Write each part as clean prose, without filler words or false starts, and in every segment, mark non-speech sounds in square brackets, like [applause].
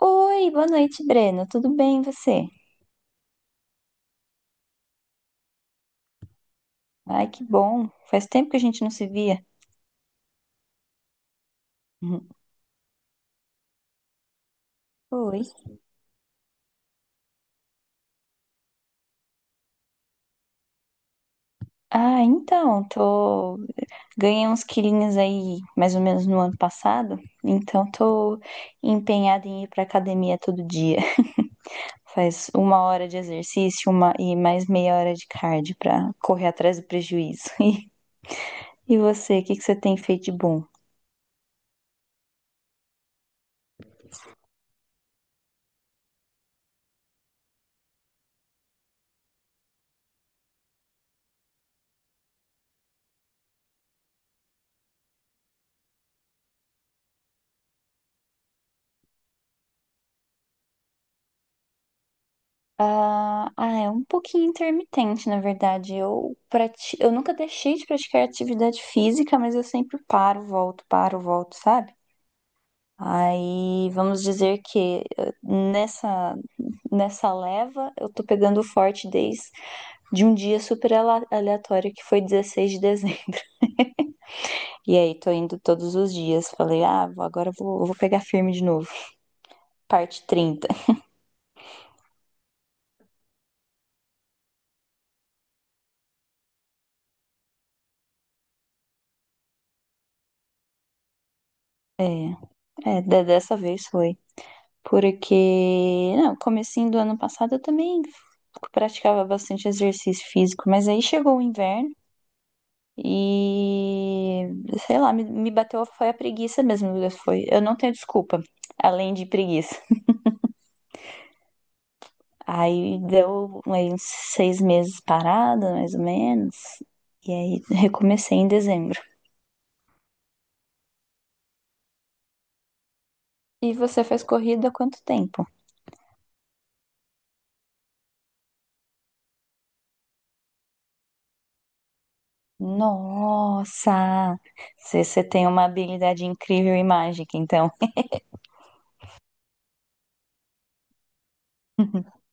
Oi, boa noite, Breno. Tudo bem, e você? Ai, que bom. Faz tempo que a gente não se via. Uhum. Oi. Ah, então, ganhei uns quilinhos aí mais ou menos no ano passado, então tô empenhada em ir pra academia todo dia. [laughs] Faz uma hora de exercício e mais meia hora de cardio pra correr atrás do prejuízo. [laughs] E você, o que que você tem feito de bom? Ah, é um pouquinho intermitente, na verdade. Eu nunca deixei de praticar atividade física, mas eu sempre paro, volto, sabe? Aí vamos dizer que nessa leva eu tô pegando forte desde de um dia super aleatório que foi 16 de dezembro. [laughs] E aí tô indo todos os dias. Falei, ah, agora eu vou pegar firme de novo. Parte trinta. É, é, dessa vez foi. Porque, não, comecinho do ano passado eu também praticava bastante exercício físico, mas aí chegou o inverno e, sei lá, me bateu, foi a preguiça mesmo, foi, eu não tenho desculpa, além de preguiça. Aí deu aí, uns 6 meses parada, mais ou menos, e aí recomecei em dezembro. E você fez corrida há quanto tempo? Nossa, você tem uma habilidade incrível em mágica, então. [laughs]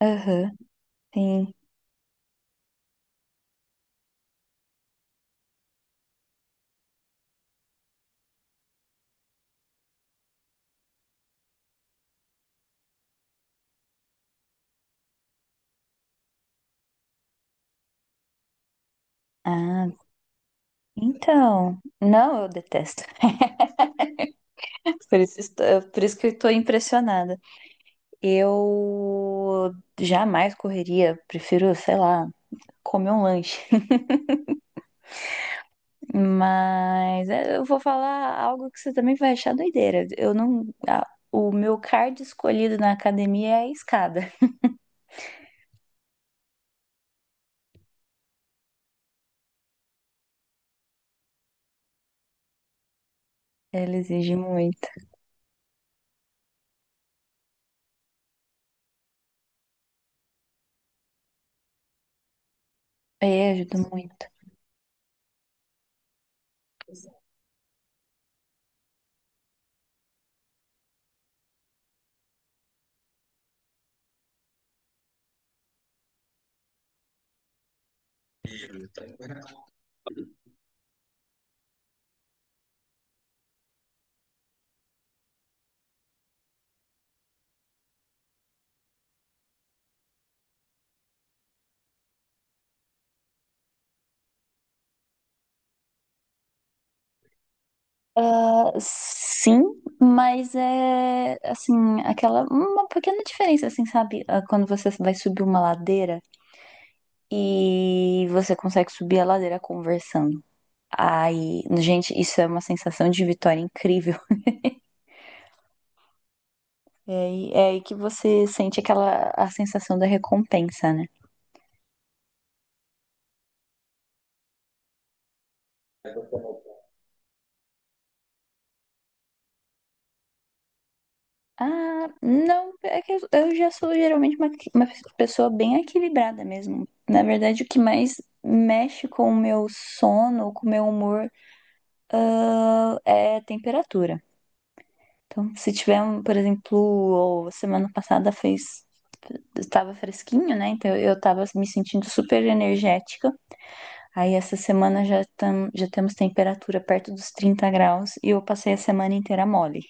Aham. Sim. Ah, então. Não, eu detesto. [laughs] Por isso que eu estou impressionada. Eu jamais correria, prefiro, sei lá, comer um lanche. Mas é, eu vou falar algo que você também vai achar doideira. Eu não. O meu card escolhido na academia é a escada. Ela exige muito. É, ajuda muito. Sim, mas é assim, aquela uma pequena diferença assim, sabe? Ah, quando você vai subir uma ladeira e você consegue subir a ladeira conversando. Aí, gente, isso é uma sensação de vitória incrível. [laughs] É aí que você sente aquela a sensação da recompensa, né? Ah, não, é que eu já sou geralmente uma pessoa bem equilibrada mesmo. Na verdade, o que mais mexe com o meu sono, com o meu humor é temperatura. Então, se tiver, um, por exemplo, ou semana passada fez estava fresquinho, né? Então eu estava me sentindo super energética. Aí essa semana já temos temperatura perto dos 30 graus e eu passei a semana inteira mole.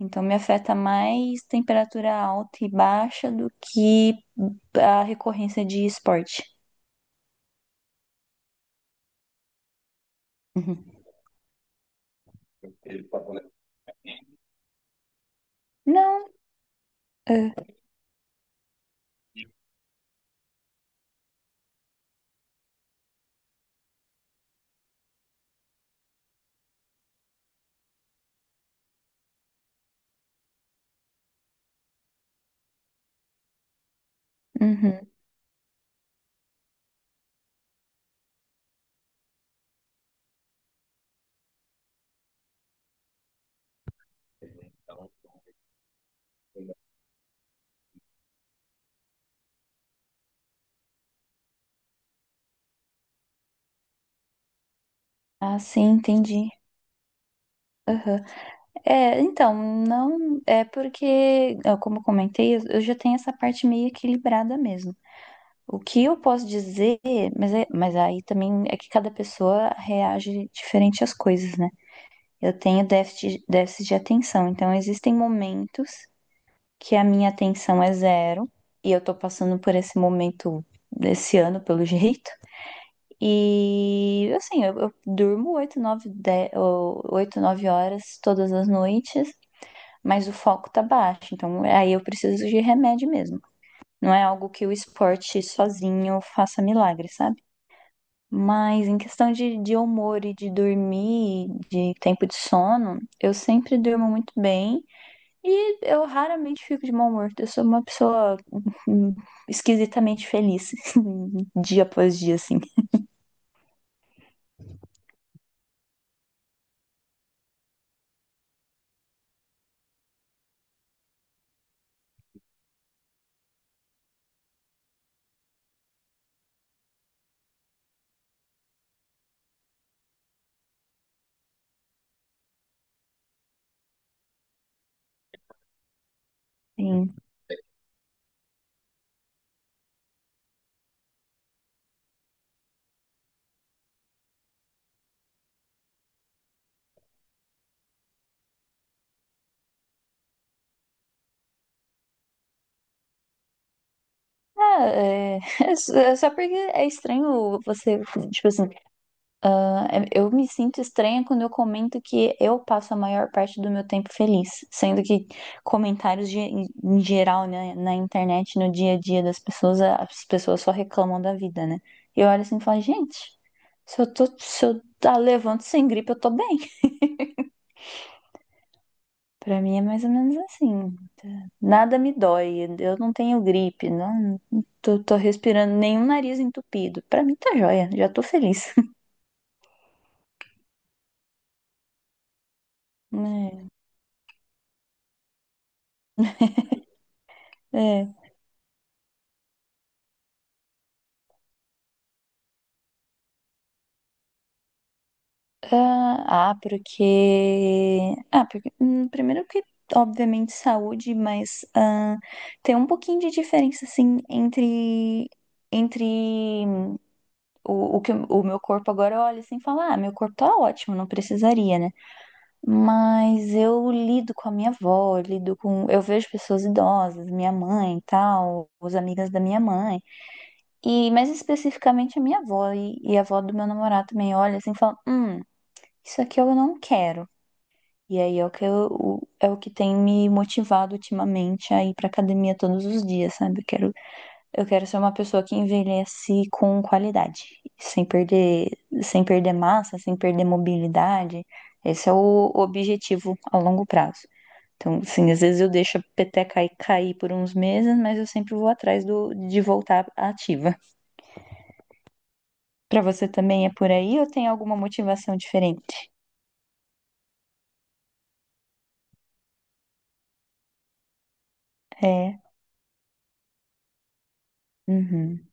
Então me afeta mais temperatura alta e baixa do que a recorrência de esporte. Uhum. Não. Uh, uhum. Ah, sim, entendi. É, então, não é porque, ó, como eu comentei, eu já tenho essa parte meio equilibrada mesmo. O que eu posso dizer, mas, mas aí também é que cada pessoa reage diferente às coisas, né? Eu tenho déficit de atenção, então existem momentos que a minha atenção é zero, e eu tô passando por esse momento desse ano, pelo [laughs] jeito. E assim, eu durmo 8, 9, 10, 8, 9 horas todas as noites, mas o foco tá baixo. Então, aí eu preciso de remédio mesmo. Não é algo que o esporte sozinho faça milagre, sabe? Mas em questão de humor e de dormir, de tempo de sono, eu sempre durmo muito bem e eu raramente fico de mau humor. Eu sou uma pessoa hum, esquisitamente feliz, [laughs] dia após dia, assim. Sim. Ah, é, [laughs] é só porque é estranho você, tipo assim. É, eu me sinto estranha quando eu comento que eu passo a maior parte do meu tempo feliz, sendo que comentários ge- em geral, né, na internet, no dia a dia das pessoas, as pessoas só reclamam da vida, né? E eu olho assim e falo, gente, se eu tá, levanto sem gripe, eu tô bem. Pra mim é mais ou menos assim, tá? Nada me dói, eu não tenho gripe, não tô, tô respirando nenhum nariz entupido. Pra mim tá joia, já tô feliz. [laughs] É, é. Ah, porque. Ah, porque. Primeiro que, obviamente, saúde, mas ah, tem um pouquinho de diferença, assim, entre. Entre o que o meu corpo agora olha sem falar, ah, meu corpo tá ótimo, não precisaria, né? Mas eu lido com a minha avó, eu lido com. Eu vejo pessoas idosas, minha mãe e tal, os amigas da minha mãe. E mais especificamente a minha avó e a avó do meu namorado também olha assim e fala: hum, isso aqui eu não quero. E aí é o que eu, o- é o que tem me motivado ultimamente a ir pra academia todos os dias, sabe? Eu quero ser uma pessoa que envelhece com qualidade, sem perder, sem perder massa, sem perder mobilidade. Esse é o objetivo a longo prazo. Então, assim, às vezes eu deixo a peteca aí cair por uns meses, mas eu sempre vou atrás de voltar ativa. [laughs] Pra você também é por aí ou tem alguma motivação diferente? É. Uhum. [laughs]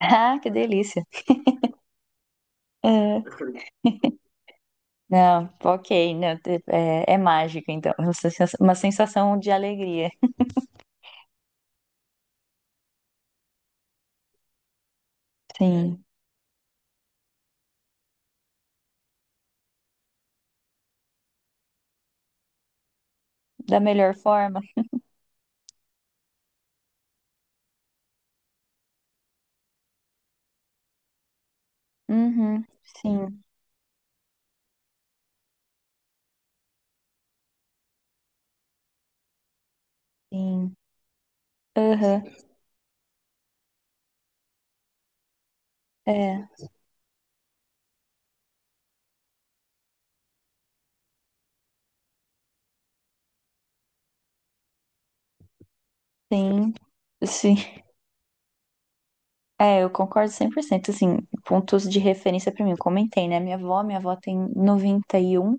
Ah, que delícia. É. Não, ok, não, é mágico, então. É uma sensação de alegria. Sim, da melhor forma. Uhum, sim, sim. Aham, é, sim, sim. É, eu concordo 100%, assim, pontos de referência pra mim. Eu comentei, né? Minha avó tem 91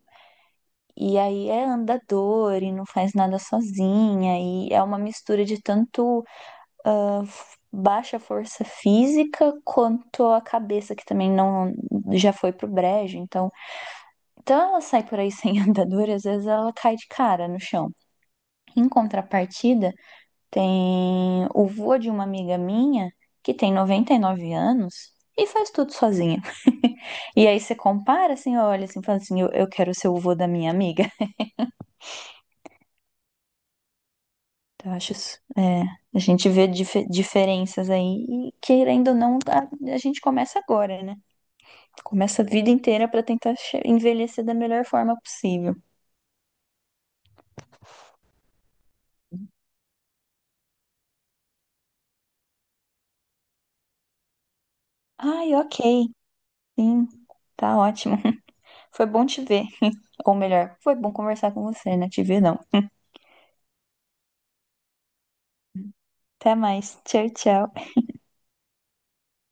e aí é andador e não faz nada sozinha, e é uma mistura de tanto baixa força física, quanto a cabeça, que também não já foi pro brejo. Então, ela sai por aí sem [laughs] andadura, às vezes ela cai de cara no chão. Em contrapartida, tem o vô de uma amiga minha, que tem 99 anos, e faz tudo sozinha. [laughs] E aí você compara, assim, olha, assim, fala assim, eu quero ser o vô da minha amiga. [laughs] Então, eu acho, é, a gente vê diferenças aí e, querendo ou não, a gente começa agora, né? Começa a vida inteira pra tentar envelhecer da melhor forma possível. Ai, ok. Sim, tá ótimo. [laughs] Foi bom te ver. Ou melhor, foi bom conversar com você, né? Te ver não. Até mais. Tchau, tchau.